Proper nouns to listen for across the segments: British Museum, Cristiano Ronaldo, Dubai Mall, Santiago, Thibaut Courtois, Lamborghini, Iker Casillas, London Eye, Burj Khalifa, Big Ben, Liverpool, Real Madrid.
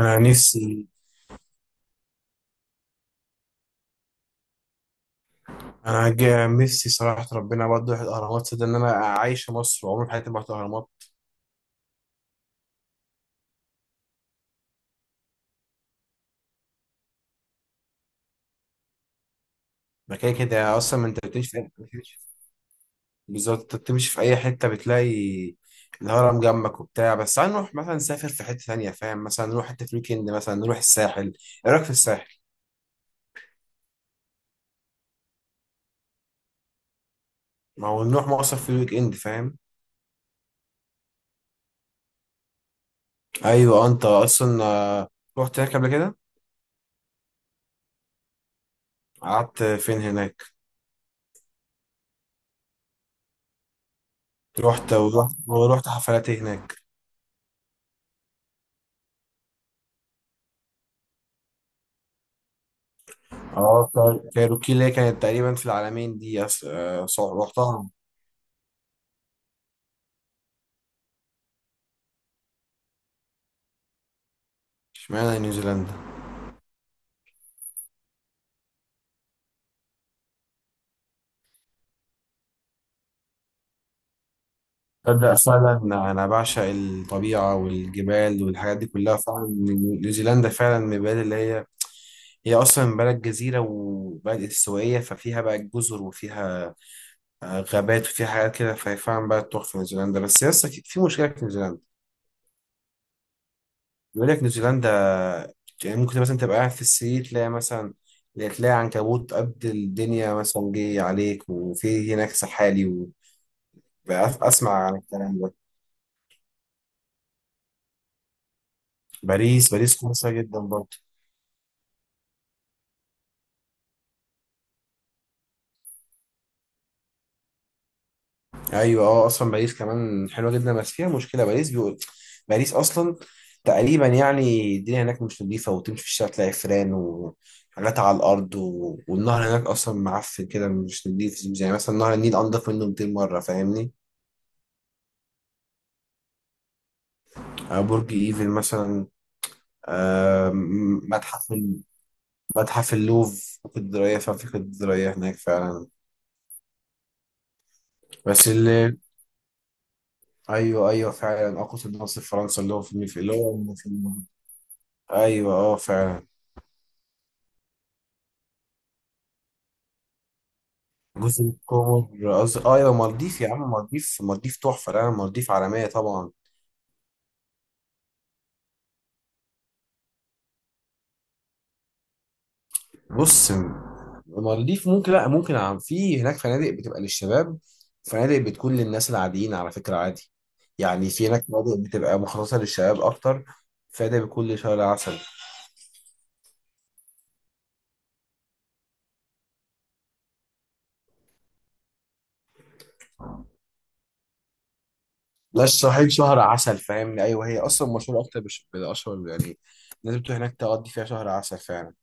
انا نفسي انا جا- نفسي صراحه ربنا برضه يروح الاهرامات ده ان انا عايش في مصر وعمري في حياتي ما رحت الاهرامات. مكان كده اصلا ما انت بالظبط انت بتمشي في اي حته بتلاقي الهرم جنبك وبتاع. بس تعال نروح مثلا نسافر في حته ثانيه، فاهم؟ مثلا نروح حته في الويك اند، مثلا نروح الساحل. ايه رايك في الساحل؟ ما هو نروح مصر في الويك اند، فاهم؟ ايوه انت اصلا رحت هناك قبل كده؟ قعدت فين هناك؟ رحت ورحت ورحت حفلات إيه هناك؟ اه طيب كايروكي اللي هي كانت تقريبا في العالمين دي رحتها. اشمعنى نيوزيلندا؟ تصدق فعلا انا بعشق الطبيعه والجبال والحاجات دي كلها فعلا. نيوزيلندا فعلا من البلاد اللي هي هي اصلا بلد جزيره وبلد استوائيه، ففيها بقى جزر وفيها غابات وفيها حاجات كده، فهي فعلا بلد تحفه نيوزيلندا. بس يس اكيد في مشكله في نيوزيلندا، بيقول لك نيوزيلندا يعني ممكن مثلا تبقى قاعد في السرير تلاقي مثلا تلاقي عنكبوت قد الدنيا مثلا جه عليك، وفي هناك سحالي و... بقى اسمع عن الكلام ده. باريس باريس كويسه جدا برضه. ايوه اه اصلا باريس كمان حلوه جدا، بس فيها مشكله باريس بيقول باريس اصلا تقريبا يعني الدنيا هناك مش نظيفه، وتمشي في الشارع تلاقي فيران وحاجات على الارض و... والنهر هناك اصلا معفن كده مش نظيف، يعني مثلا نهر النيل انضف منه 200 مره، فاهمني؟ برج ايفل مثلا. متحف متحف اللوف في الدراية فعلا، في الدراية هناك فعلا. بس اللي أيوه أيوه فعلا أقصد النصر فرنسا اللي هو اللي هو في. أيوه أه فعلا. جزر القمر قصدي أيوه مالديف يا عم، مالديف مالديف تحفة، لا مالديف عالمية طبعا. بص مالديف ممكن لا ممكن في هناك فنادق بتبقى للشباب، فنادق بتكون للناس العاديين على فكرة عادي. يعني في هناك فنادق بتبقى مخصصة للشباب أكتر، فنادق بتكون لشهر العسل. لا الصعيد شهر عسل فاهم، ايوه هي اصلا مشهوره اكتر بالاشهر، يعني الناس بتروح هناك تقضي فيها شهر عسل فعلا.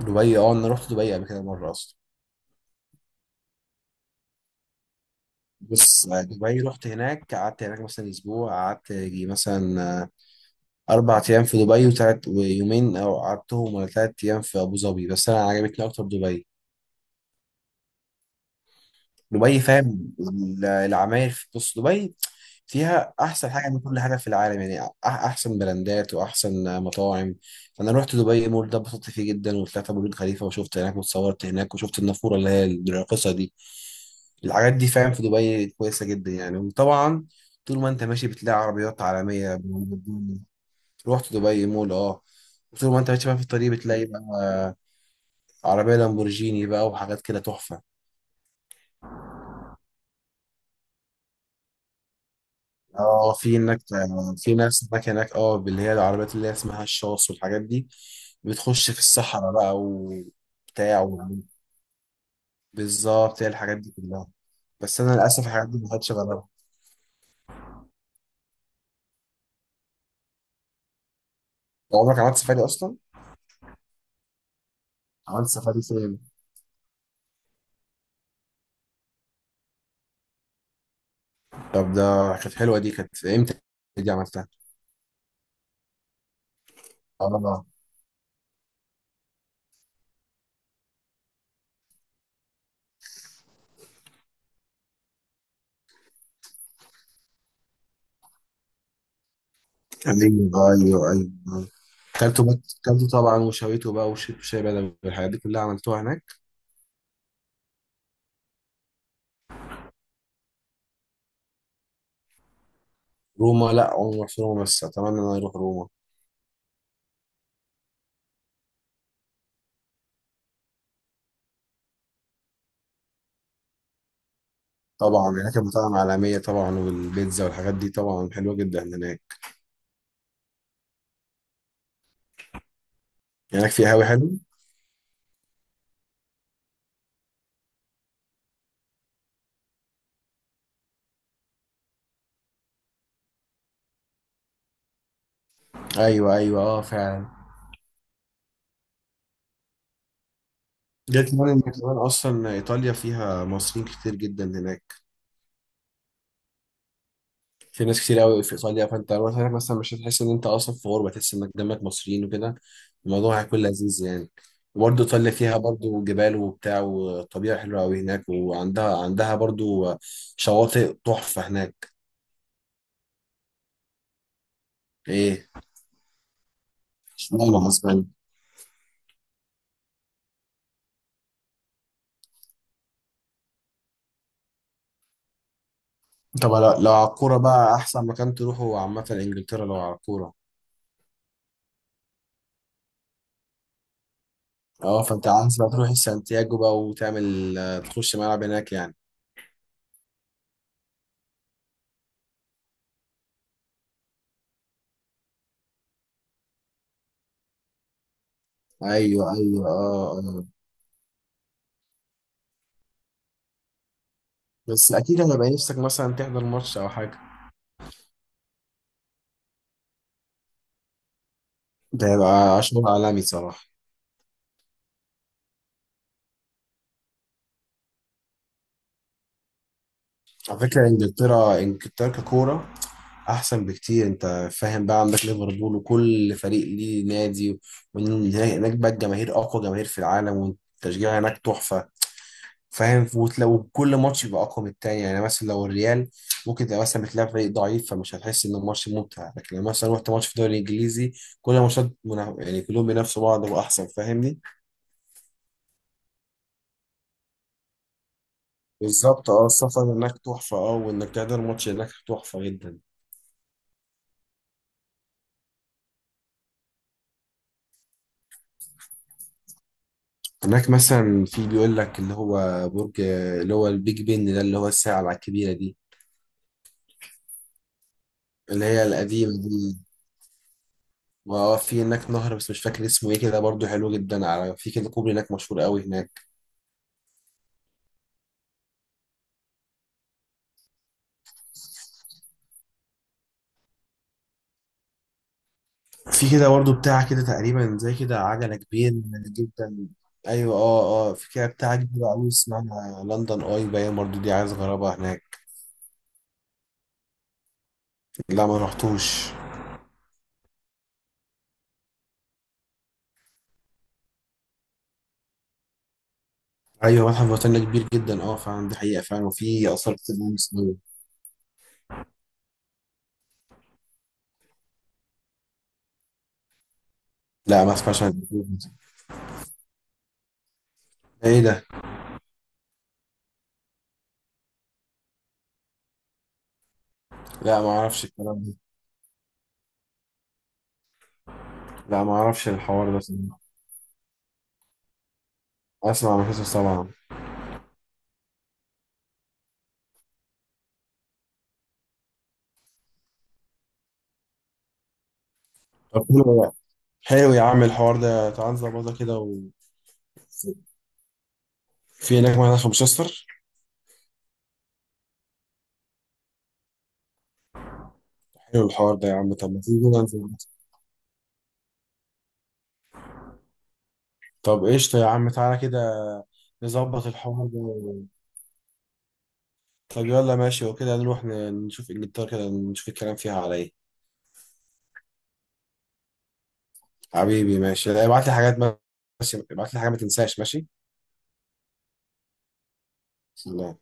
دبي اه انا رحت دبي قبل كده مره اصلا. بص دبي رحت هناك قعدت هناك مثلا اسبوع، قعدت يجي مثلا اربع ايام في دبي، وتلات ويومين او قعدتهم ولا تلات ايام في ابو ظبي، بس انا عجبتني اكتر دبي. دبي فاهم العماير في بص دبي فيها احسن حاجه من كل حاجه في العالم، يعني احسن براندات واحسن مطاعم. فانا رحت دبي مول ده اتبسطت فيه جدا، وطلعت أبو برج خليفه وشفت هناك وتصورت هناك، وشفت النافوره اللي هي الراقصه دي. الحاجات دي فاهم في دبي كويسه جدا يعني، وطبعا طول ما انت ماشي بتلاقي عربيات عالميه. رحت دبي مول اه. طول ما انت ماشي بقى في الطريق بتلاقي بقى عربيه لامبورجيني بقى وحاجات كده تحفه. اه في هناك في ناس هناك اه اللي هي العربيات اللي هي اسمها الشاص والحاجات دي بتخش في الصحراء بقى وبتاع و- بالظبط هي الحاجات دي كلها. بس انا للاسف الحاجات دي ما خدتش غيرها. عمرك عملت سفاري اصلا؟ عملت سفاري فين؟ طب ده كانت حلوه، دي كانت امتى؟ دي عملتها؟ اه ايوه ايوه ايوه. كلته بط... كلته طبعا وشويته بقى وشربت شاي بدوي والحاجات دي كلها عملتوها هناك. روما لا عمري ما رحت روما، بس اتمنى ان انا اروح روما. طبعا هناك المطاعم عالمية طبعا، والبيتزا والحاجات دي طبعا حلوة جدا هناك. هناك في قهوة حلو. أيوة أيوة أه فعلا. غير كمان إن كمان أصلا إيطاليا فيها مصريين كتير جدا هناك، في ناس كتير أوي في إيطاليا، فأنت لو مثلا مش هتحس إن أنت أصلا في غربة، تحس إنك جنبك مصريين وكده، الموضوع هيكون لذيذ يعني. وبرضه إيطاليا فيها برضه جبال وبتاع، والطبيعة حلوة أوي هناك، وعندها برضه شواطئ تحفة هناك. إيه؟ اشمعنى؟ طب لو لو على الكورة بقى أحسن مكان تروحه عامة إنجلترا لو على الكورة. أه فأنت عايز بقى تروح سانتياغو بقى وتعمل تخش ملعب هناك يعني. أيوه أيوه أه أه. بس أكيد هيبقى نفسك مثلا تحضر ماتش أو حاجة. ده هيبقى شغل عالمي صراحة. على فكرة إنجلترا إنجلترا ككورة أحسن بكتير، أنت فاهم بقى عندك ليفربول وكل فريق ليه نادي، وهناك بقى الجماهير أقوى جماهير في العالم، والتشجيع هناك تحفة فاهم، لو كل ماتش يبقى اقوى من التاني. يعني مثلا لو الريال ممكن تبقى مثلا بتلعب فريق ضعيف فمش هتحس ان الماتش ممتع، لكن لما مثلا رحت ماتش في الدوري الانجليزي كل يعني كلهم بينافسوا بعض واحسن، فاهمني؟ بالظبط اه السفر هناك تحفه، اه وانك تحضر ماتش هناك تحفه جدا. هناك مثلا في بيقول لك اللي هو برج اللي هو البيج بن ده اللي هو الساعه الكبيره دي، اللي هي القديمه دي. واه في هناك نهر بس مش فاكر اسمه ايه كده برضو حلو جدا، على في كده كوبري هناك مشهور قوي هناك. في كده برضه بتاع كده تقريبا زي كده عجلة كبير جدا. ايوه اه اه في كده بتاع كبير قوي اسمها لندن اي باين برضه، دي عايز اجربها هناك. لا ما رحتوش. ايوه متحف بريطانيا كبير جدا اه فعلا، دي حقيقة فعلا، وفي اثار كتير أوي مصرية. لا ما اسمعش عن الكلام ده. ايه ده؟ لا ما اعرفش الكلام ده. لا ما اعرفش الحوار ده صراحة. اسمع عن القصص طبعا. طب حلو ده. حلو يا عم الحوار ده، تعال نظبطها كده و... في هناك معانا 15. حلو الحوار ده يا عم، طب ما تيجي كده ننزل؟ طب قشطة يا عم، تعالى كده نظبط الحوار ده. طب يلا ماشي، وكده نروح نشوف انجلترا كده نشوف الكلام فيها على ايه. حبيبي ماشي، لا، ابعت لي حاجات، بس ابعت لي حاجة ما تنساش، ماشي. سلام.